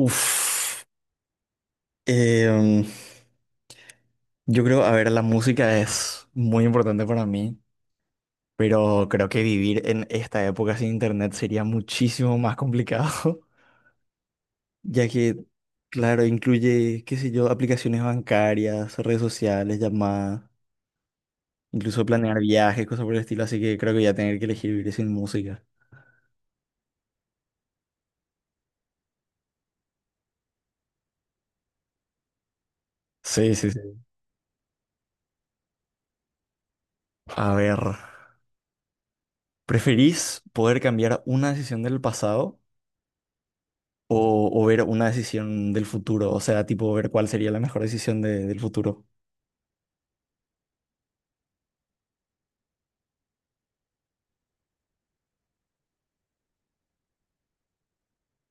Uf, em, yo creo, a ver, la música es muy importante para mí, pero creo que vivir en esta época sin internet sería muchísimo más complicado, ya que, claro, incluye, qué sé yo, aplicaciones bancarias, redes sociales, llamadas, incluso planear viajes, cosas por el estilo, así que creo que voy a tener que elegir vivir sin música. Sí, sí, sí. A ver, ¿preferís poder cambiar una decisión del pasado? O ver una decisión del futuro, o sea, tipo ver cuál sería la mejor decisión de- del futuro.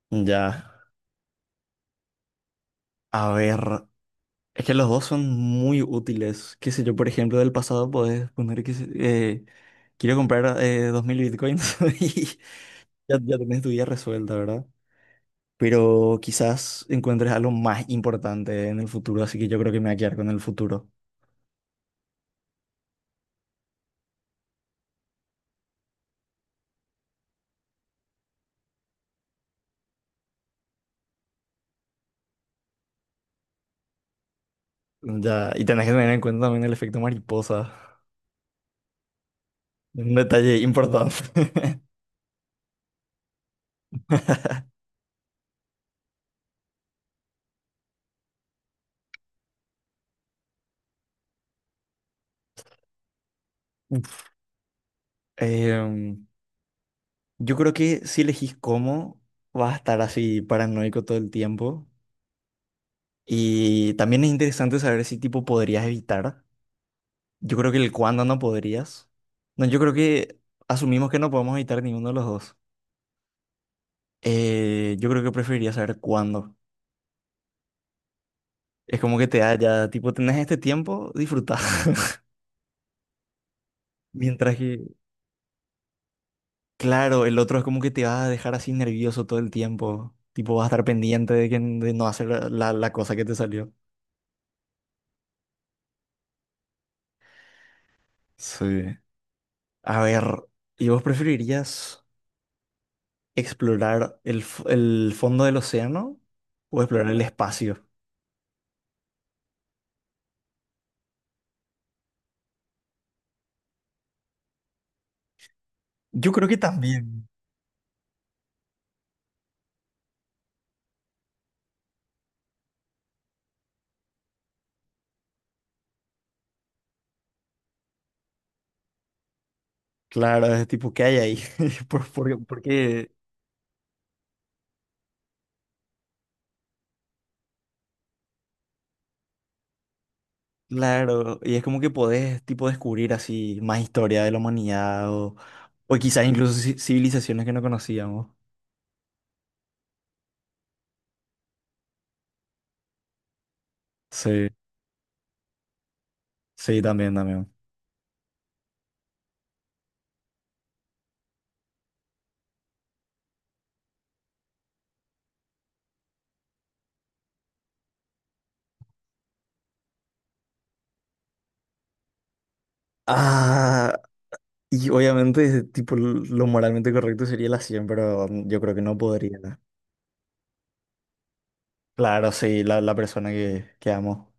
Ya, a ver, es que los dos son muy útiles. Qué sé yo, por ejemplo, del pasado podés poner quiero comprar 2000 bitcoins y ya tenés tu vida resuelta, ¿verdad? Pero quizás encuentres algo más importante en el futuro, así que yo creo que me voy a quedar con el futuro. Ya, y tenés que tener en cuenta también el efecto mariposa, un detalle importante. Uf. em, Yo creo que si elegís cómo, vas a estar así paranoico todo el tiempo. Y también es interesante saber si tipo podrías evitar. Yo creo que el cuándo no podrías. No, yo creo que asumimos que no podemos evitar ninguno de los dos. Yo creo que preferiría saber cuándo. Es como que te da ya, tipo, tenés este tiempo, disfruta. Mientras que, claro, el otro es como que te va a dejar así nervioso todo el tiempo. Tipo, vas a estar pendiente de, que, de no hacer la, la cosa que te salió. Sí. A ver, ¿y vos preferirías explorar el fondo del océano o explorar el espacio? Yo creo que también. Claro, es tipo, ¿qué hay ahí? Por- Porque, claro, y es como que podés, tipo, descubrir así más historia de la humanidad o quizás incluso civilizaciones que no conocíamos. Sí, sí, también, también. Ah, y obviamente, tipo, lo moralmente correcto sería la 100 pero yo creo que no podría. Claro, sí, la persona que amo.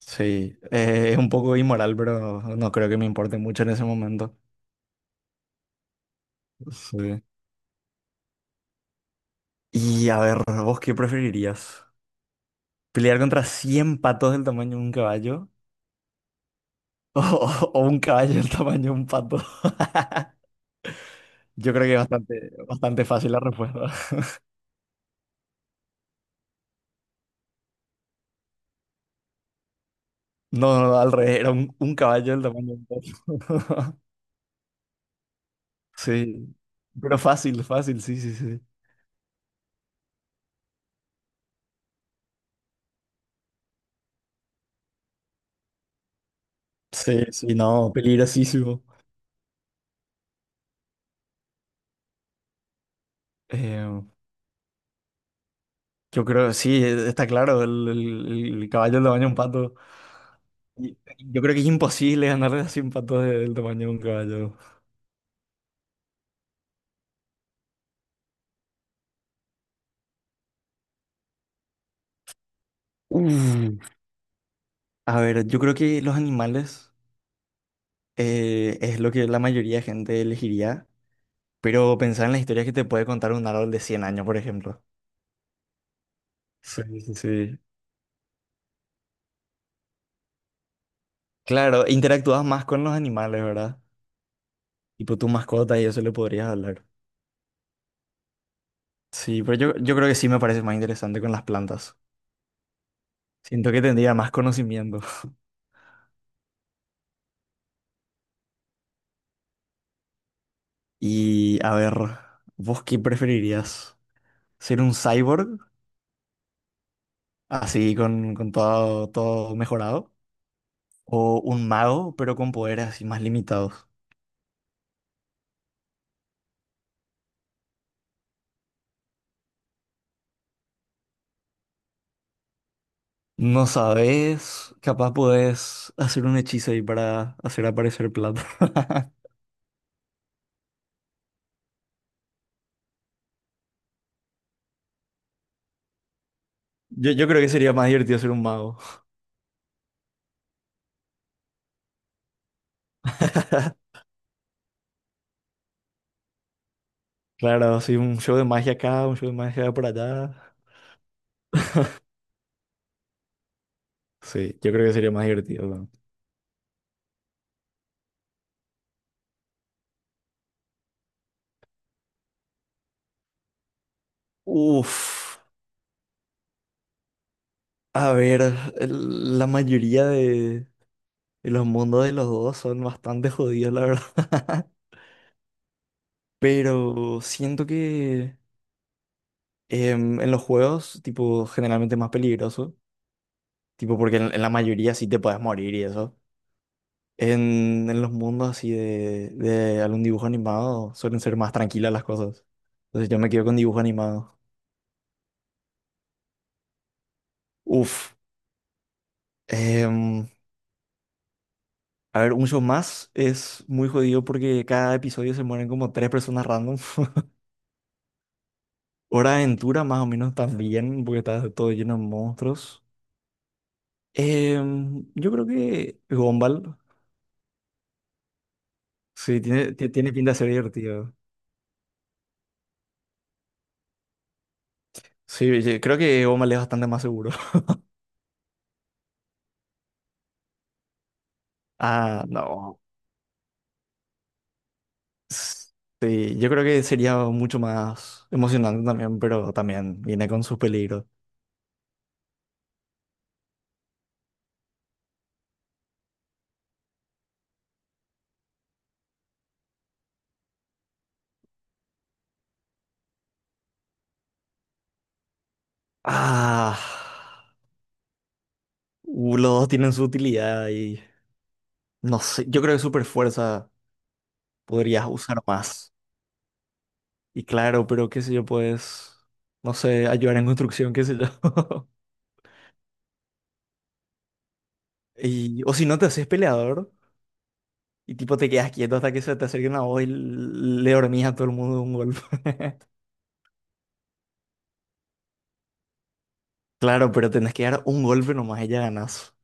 Sí, es un poco inmoral, pero no creo que me importe mucho en ese momento. Sí. Y a ver, ¿vos qué preferirías? ¿Pelear contra 100 patos del tamaño de un caballo? ¿O, o un caballo del tamaño de un pato? Yo creo que es bastante, bastante fácil la respuesta. No, no, no, al revés, era un caballo del tamaño de un pato. Sí, pero fácil, fácil, sí, sí, sí. Sí, sí, no, peligrosísimo. Eh, yo creo, sí, está claro, el caballo del tamaño de un pato. Y- Yo creo que es imposible ganarle a 100 patas de- del tamaño de un caballo. Uf. A ver, yo creo que los animales es lo que la mayoría de gente elegiría, pero pensar en las historias que te puede contar un árbol de 100 años, por ejemplo. Sí, sí, sí. Claro, interactúas más con los animales, ¿verdad? Tipo tu mascota y eso le podrías hablar. Sí, pero yo creo que sí me parece más interesante con las plantas. Siento que tendría más conocimiento. Y a ver, ¿vos qué preferirías? ¿Ser un cyborg? Así con todo, todo mejorado, o un mago, pero con poderes así más limitados. No sabes, capaz podés hacer un hechizo ahí para hacer aparecer plata. Yo creo que sería más divertido ser un mago. Claro, así un show de magia acá, un show de magia por allá. Sí, yo creo que sería más divertido. ¿No? Uf, a ver, la mayoría de los mundos de los dos son bastante jodidos, la verdad. Pero siento que en los juegos, tipo, generalmente es más peligroso, tipo, porque en, la mayoría sí te puedes morir y eso. en los mundos así de algún dibujo animado suelen ser más tranquilas las cosas. Entonces yo me quedo con dibujo animado. Uf. em, a ver, un show más es muy jodido porque cada episodio se mueren como tres personas random. Hora de Aventura más o menos también, porque está todo lleno de monstruos. Yo creo que Gumball, sí, tiene pinta de ser divertido. Sí, yo creo que Omal es bastante más seguro. Ah, no. Sí, yo creo que sería mucho más emocionante también, pero también viene con sus peligros. Ah, los dos tienen su utilidad y no sé, yo creo que super fuerza podrías usar más. Y claro, pero qué sé yo, pues, no sé, ayudar en construcción, qué sé yo. Y, o si no te haces peleador y tipo te quedas quieto hasta que se te acerquen a vos y le dormís a todo el mundo de un golpe. Claro, pero tenés que dar un golpe nomás y ya ganás.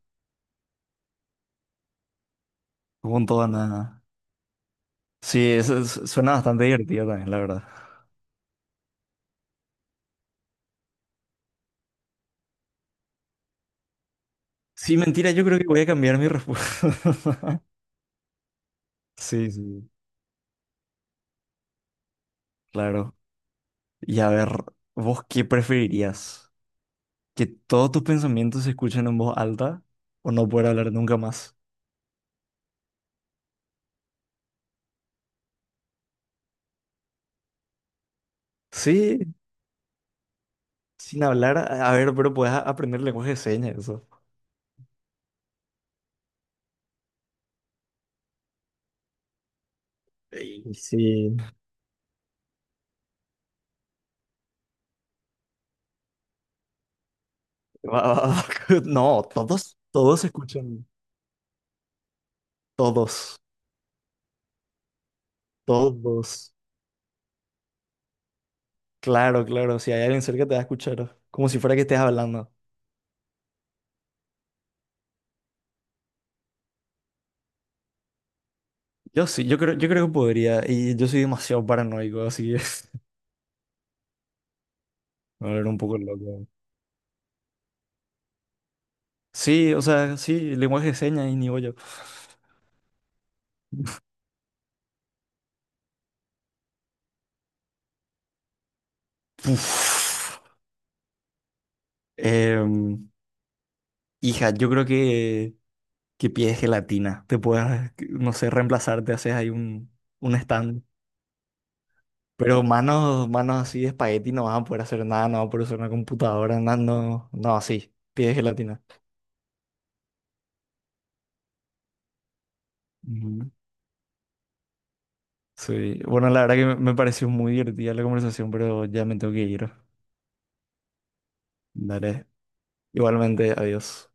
Con toda nada. Sí, eso es- suena bastante divertido también, la verdad. Sí, mentira, yo creo que voy a cambiar mi respuesta. Sí, sí, claro. Y a ver, ¿vos qué preferirías? ¿Que todos tus pensamientos se escuchen en voz alta o no poder hablar nunca más? Sí, sin hablar, a ver, pero puedes aprender lenguaje de señas, eso. Ey, sí. Va. No, todos, todos se escuchan, todos, todos. Claro, claro, si hay alguien cerca te va a escuchar, como si fuera que estés hablando. Yo sí, yo creo que podría, y yo soy demasiado paranoico, así que me volver un poco loco. Sí, o sea, sí, lenguaje de señas y ni bollo. Uf. Em, hija, yo creo que pides gelatina, te puedes, no sé, reemplazar, te haces ahí un, stand. Pero manos, manos así de espagueti no vas a poder hacer nada, no vas a poder usar una computadora, nada, no, no, así, pides gelatina. Ujú. Sí, bueno, la verdad que me pareció muy divertida la conversación, pero ya me tengo que ir. Dale, igualmente, adiós.